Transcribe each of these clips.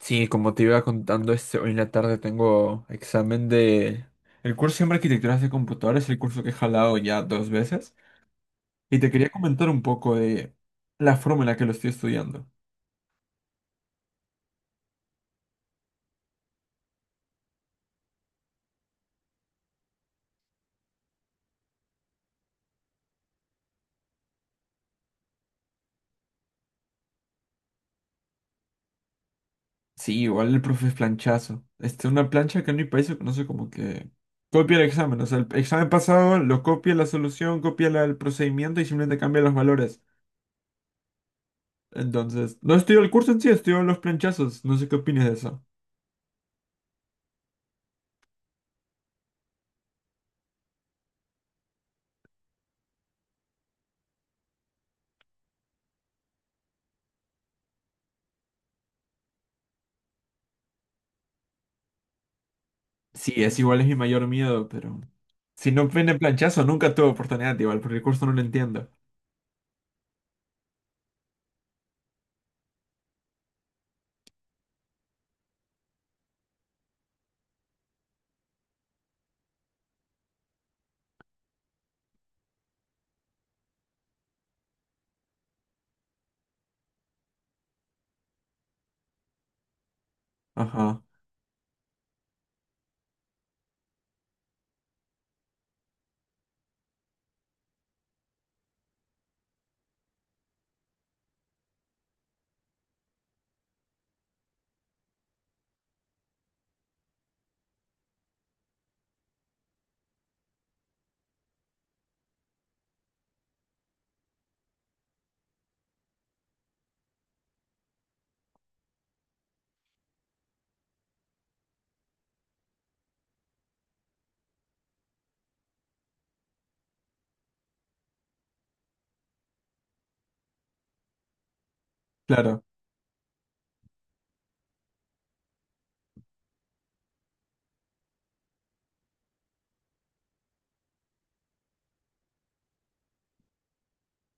Sí, como te iba contando, hoy en la tarde tengo examen de. El curso se llama Arquitecturas de Computadores, el curso que he jalado ya dos veces. Y te quería comentar un poco de la forma en la que lo estoy estudiando. Sí, igual el profe es planchazo. Una plancha que en mi país se conoce como que copia el examen. O sea, el examen pasado lo copia la solución, copia el procedimiento y simplemente cambia los valores. Entonces, no estudio el curso en sí, estudio los planchazos. No sé qué opinas de eso. Sí, es igual, es mi mayor miedo, pero. Si no viene planchazo, nunca tuve oportunidad igual, porque el curso no lo entiendo. Ajá, claro.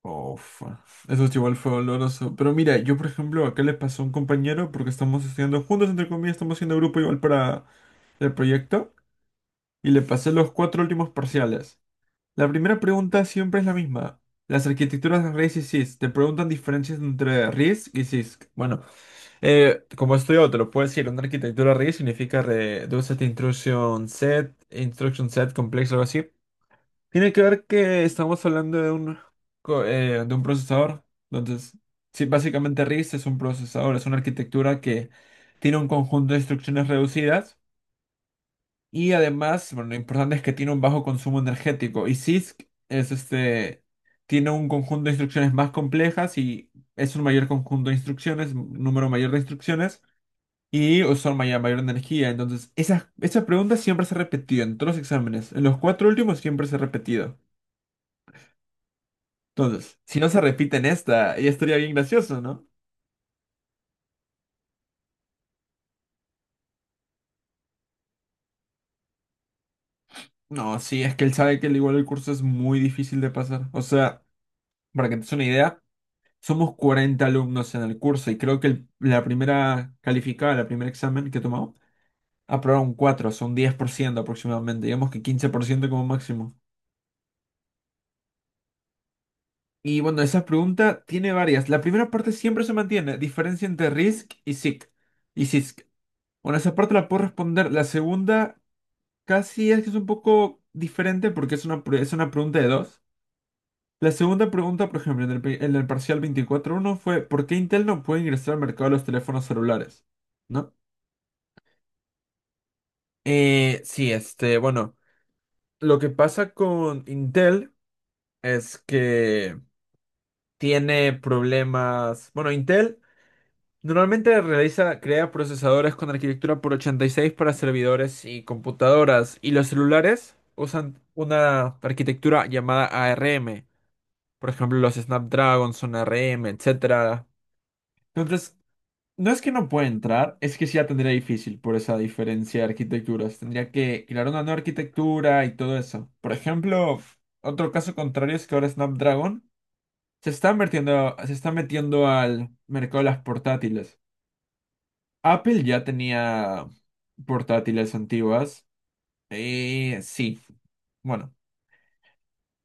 Uf, eso es igual fue doloroso. Pero mira, yo por ejemplo, acá le pasó a un compañero, porque estamos estudiando juntos, entre comillas, estamos haciendo grupo igual para el proyecto, y le pasé los cuatro últimos parciales. La primera pregunta siempre es la misma. Las arquitecturas de RISC y CISC te preguntan diferencias entre RISC y CISC. Bueno, como estudio, te lo puedo decir, una arquitectura RISC significa Reduced Instruction Set, Instruction Set Complex, algo así. Tiene que ver que estamos hablando de un procesador. Entonces, sí, básicamente RISC es un procesador, es una arquitectura que tiene un conjunto de instrucciones reducidas y además, bueno, lo importante es que tiene un bajo consumo energético. Y CISC es tiene un conjunto de instrucciones más complejas y es un mayor conjunto de instrucciones, un número mayor de instrucciones y usaron mayor, mayor energía. Entonces, esas preguntas siempre se repetían en todos los exámenes. En los cuatro últimos siempre se ha repetido. Entonces, si no se repite en esta, ya estaría bien gracioso, ¿no? No, sí, es que él sabe que al igual el curso es muy difícil de pasar. O sea, para que te des una idea, somos 40 alumnos en el curso y creo que la primer examen que tomamos, aprobaron 4 son 10% aproximadamente, digamos que 15% como máximo. Y bueno, esa pregunta tiene varias. La primera parte siempre se mantiene, diferencia entre RISC y SIC. Y CISC. Bueno, esa parte la puedo responder. La segunda casi es que es un poco diferente porque es una pregunta de dos. La segunda pregunta, por ejemplo, en el parcial 24-1 fue: ¿por qué Intel no puede ingresar al mercado de los teléfonos celulares? ¿No? Sí, bueno, lo que pasa con Intel es que tiene problemas. Bueno, Intel normalmente realiza, crea procesadores con arquitectura x86 para servidores y computadoras, y los celulares usan una arquitectura llamada ARM. Por ejemplo, los Snapdragon son ARM, etcétera. Entonces, no es que no pueda entrar, es que sí la tendría difícil por esa diferencia de arquitecturas. Tendría que crear una nueva arquitectura y todo eso. Por ejemplo, otro caso contrario es que ahora Snapdragon se está metiendo al mercado de las portátiles. Apple ya tenía portátiles antiguas. Sí. Bueno,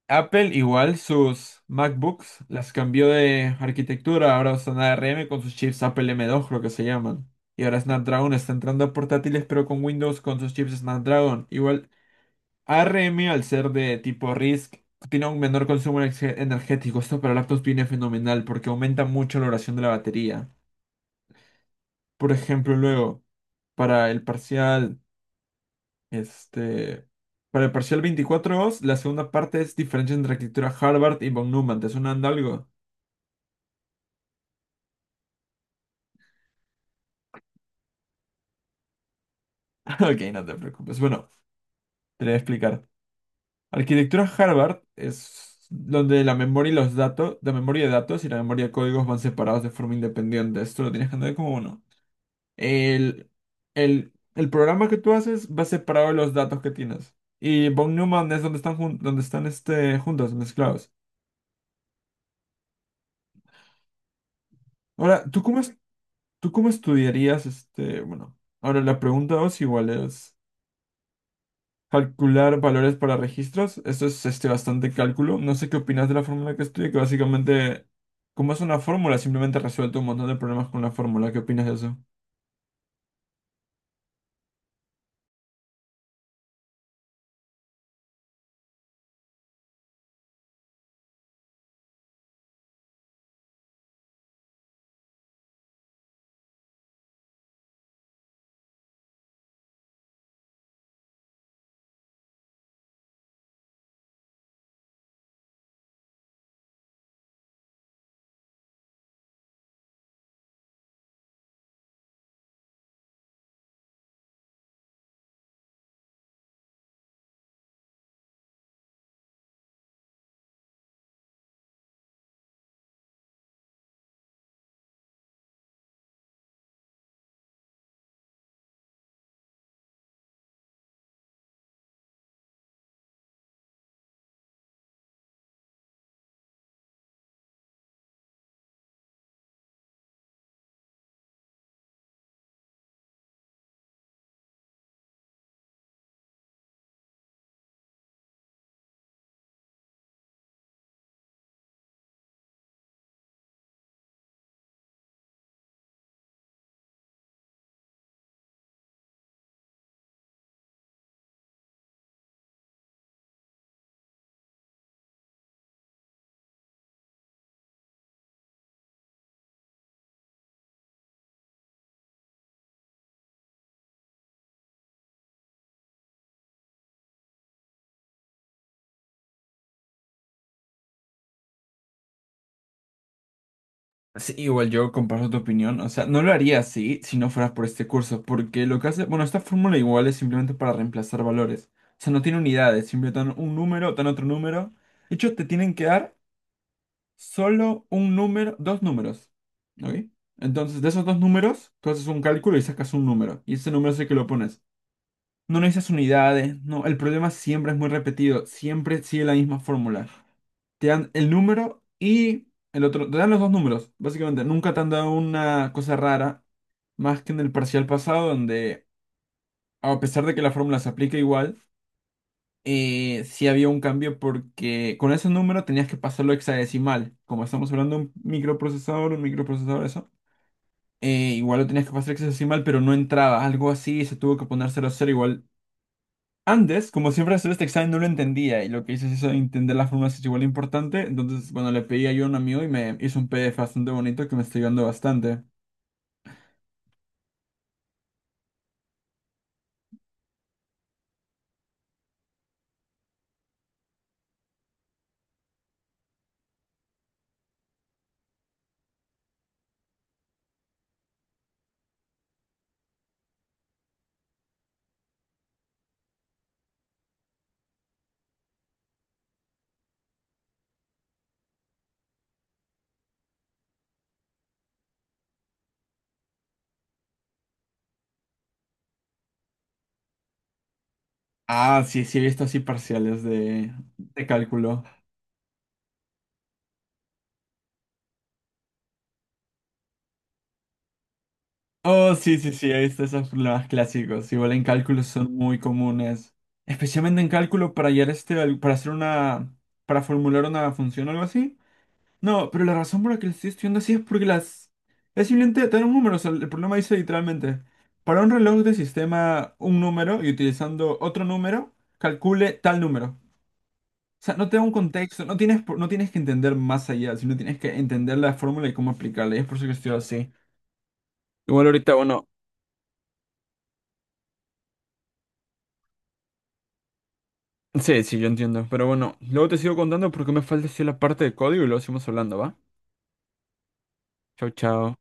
Apple igual sus MacBooks las cambió de arquitectura. Ahora usan ARM con sus chips Apple M2, creo que se llaman. Y ahora Snapdragon está entrando a portátiles, pero con Windows con sus chips Snapdragon. Igual ARM, al ser de tipo RISC, tiene un menor consumo energético. Esto para laptops viene fenomenal porque aumenta mucho la duración de la batería. Por ejemplo, luego, para el parcial. Este, para el parcial 24 os, la segunda parte es diferencia entre arquitectura Harvard y von Neumann. ¿Te suena de algo? Ok, no te preocupes. Bueno, te lo voy a explicar. Arquitectura Harvard es donde la memoria y los datos, la memoria de datos y la memoria de códigos van separados de forma independiente. Esto lo tienes que entender como uno. El, el programa que tú haces va separado de los datos que tienes. Y von Neumann es donde están, juntos, mezclados. Ahora, ¿Tú cómo estudiarías bueno, ahora la pregunta dos igual es calcular valores para registros? Esto es bastante cálculo. No sé qué opinas de la fórmula que estudié, que básicamente, como es una fórmula, simplemente resuelto un montón de problemas con la fórmula. ¿Qué opinas de eso? Sí, igual yo comparto tu opinión. O sea, no lo haría así si no fueras por este curso, porque lo que hace, bueno, esta fórmula igual es simplemente para reemplazar valores. O sea, no tiene unidades, simplemente dan un número, dan otro número. De hecho, te tienen que dar solo un número, dos números. ¿Ok? Entonces, de esos dos números, tú haces un cálculo y sacas un número. Y ese número es el que lo pones. No necesitas unidades, no. El problema siempre es muy repetido. Siempre sigue la misma fórmula. Te dan el número y el otro. Te dan los dos números, básicamente. Nunca te han dado una cosa rara. Más que en el parcial pasado, donde a pesar de que la fórmula se aplica igual, sí había un cambio porque con ese número tenías que pasarlo a hexadecimal. Como estamos hablando de un microprocesador, eso. Igual lo tenías que pasar a hexadecimal, pero no entraba. Algo así, se tuvo que poner cero a 0 igual. Antes, como siempre hacer este examen, no lo entendía. Y lo que hice es eso, entender las fórmulas es igual importante. Entonces, bueno, le pedí ayuda a un amigo y me hizo un PDF bastante bonito que me está ayudando bastante. Ah, sí, sí, he visto así parciales de cálculo. Oh, sí, sí, sí, he visto esos problemas clásicos. Igual en cálculo son muy comunes. Especialmente en cálculo para hallar para hacer una, para formular una función o algo así. No, pero la razón por la que lo estoy estudiando así es porque es simplemente tener un número. O sea, el problema dice literalmente, para un reloj de sistema un número y utilizando otro número, calcule tal número. O sea, no te da un contexto, no tienes que entender más allá, sino tienes que entender la fórmula y cómo aplicarla. Y es por eso que estoy así. Igual ahorita, bueno. Sí, sí, yo entiendo. Pero bueno, luego te sigo contando porque me falta decir la parte de código y luego seguimos hablando, ¿va? Chao, chao.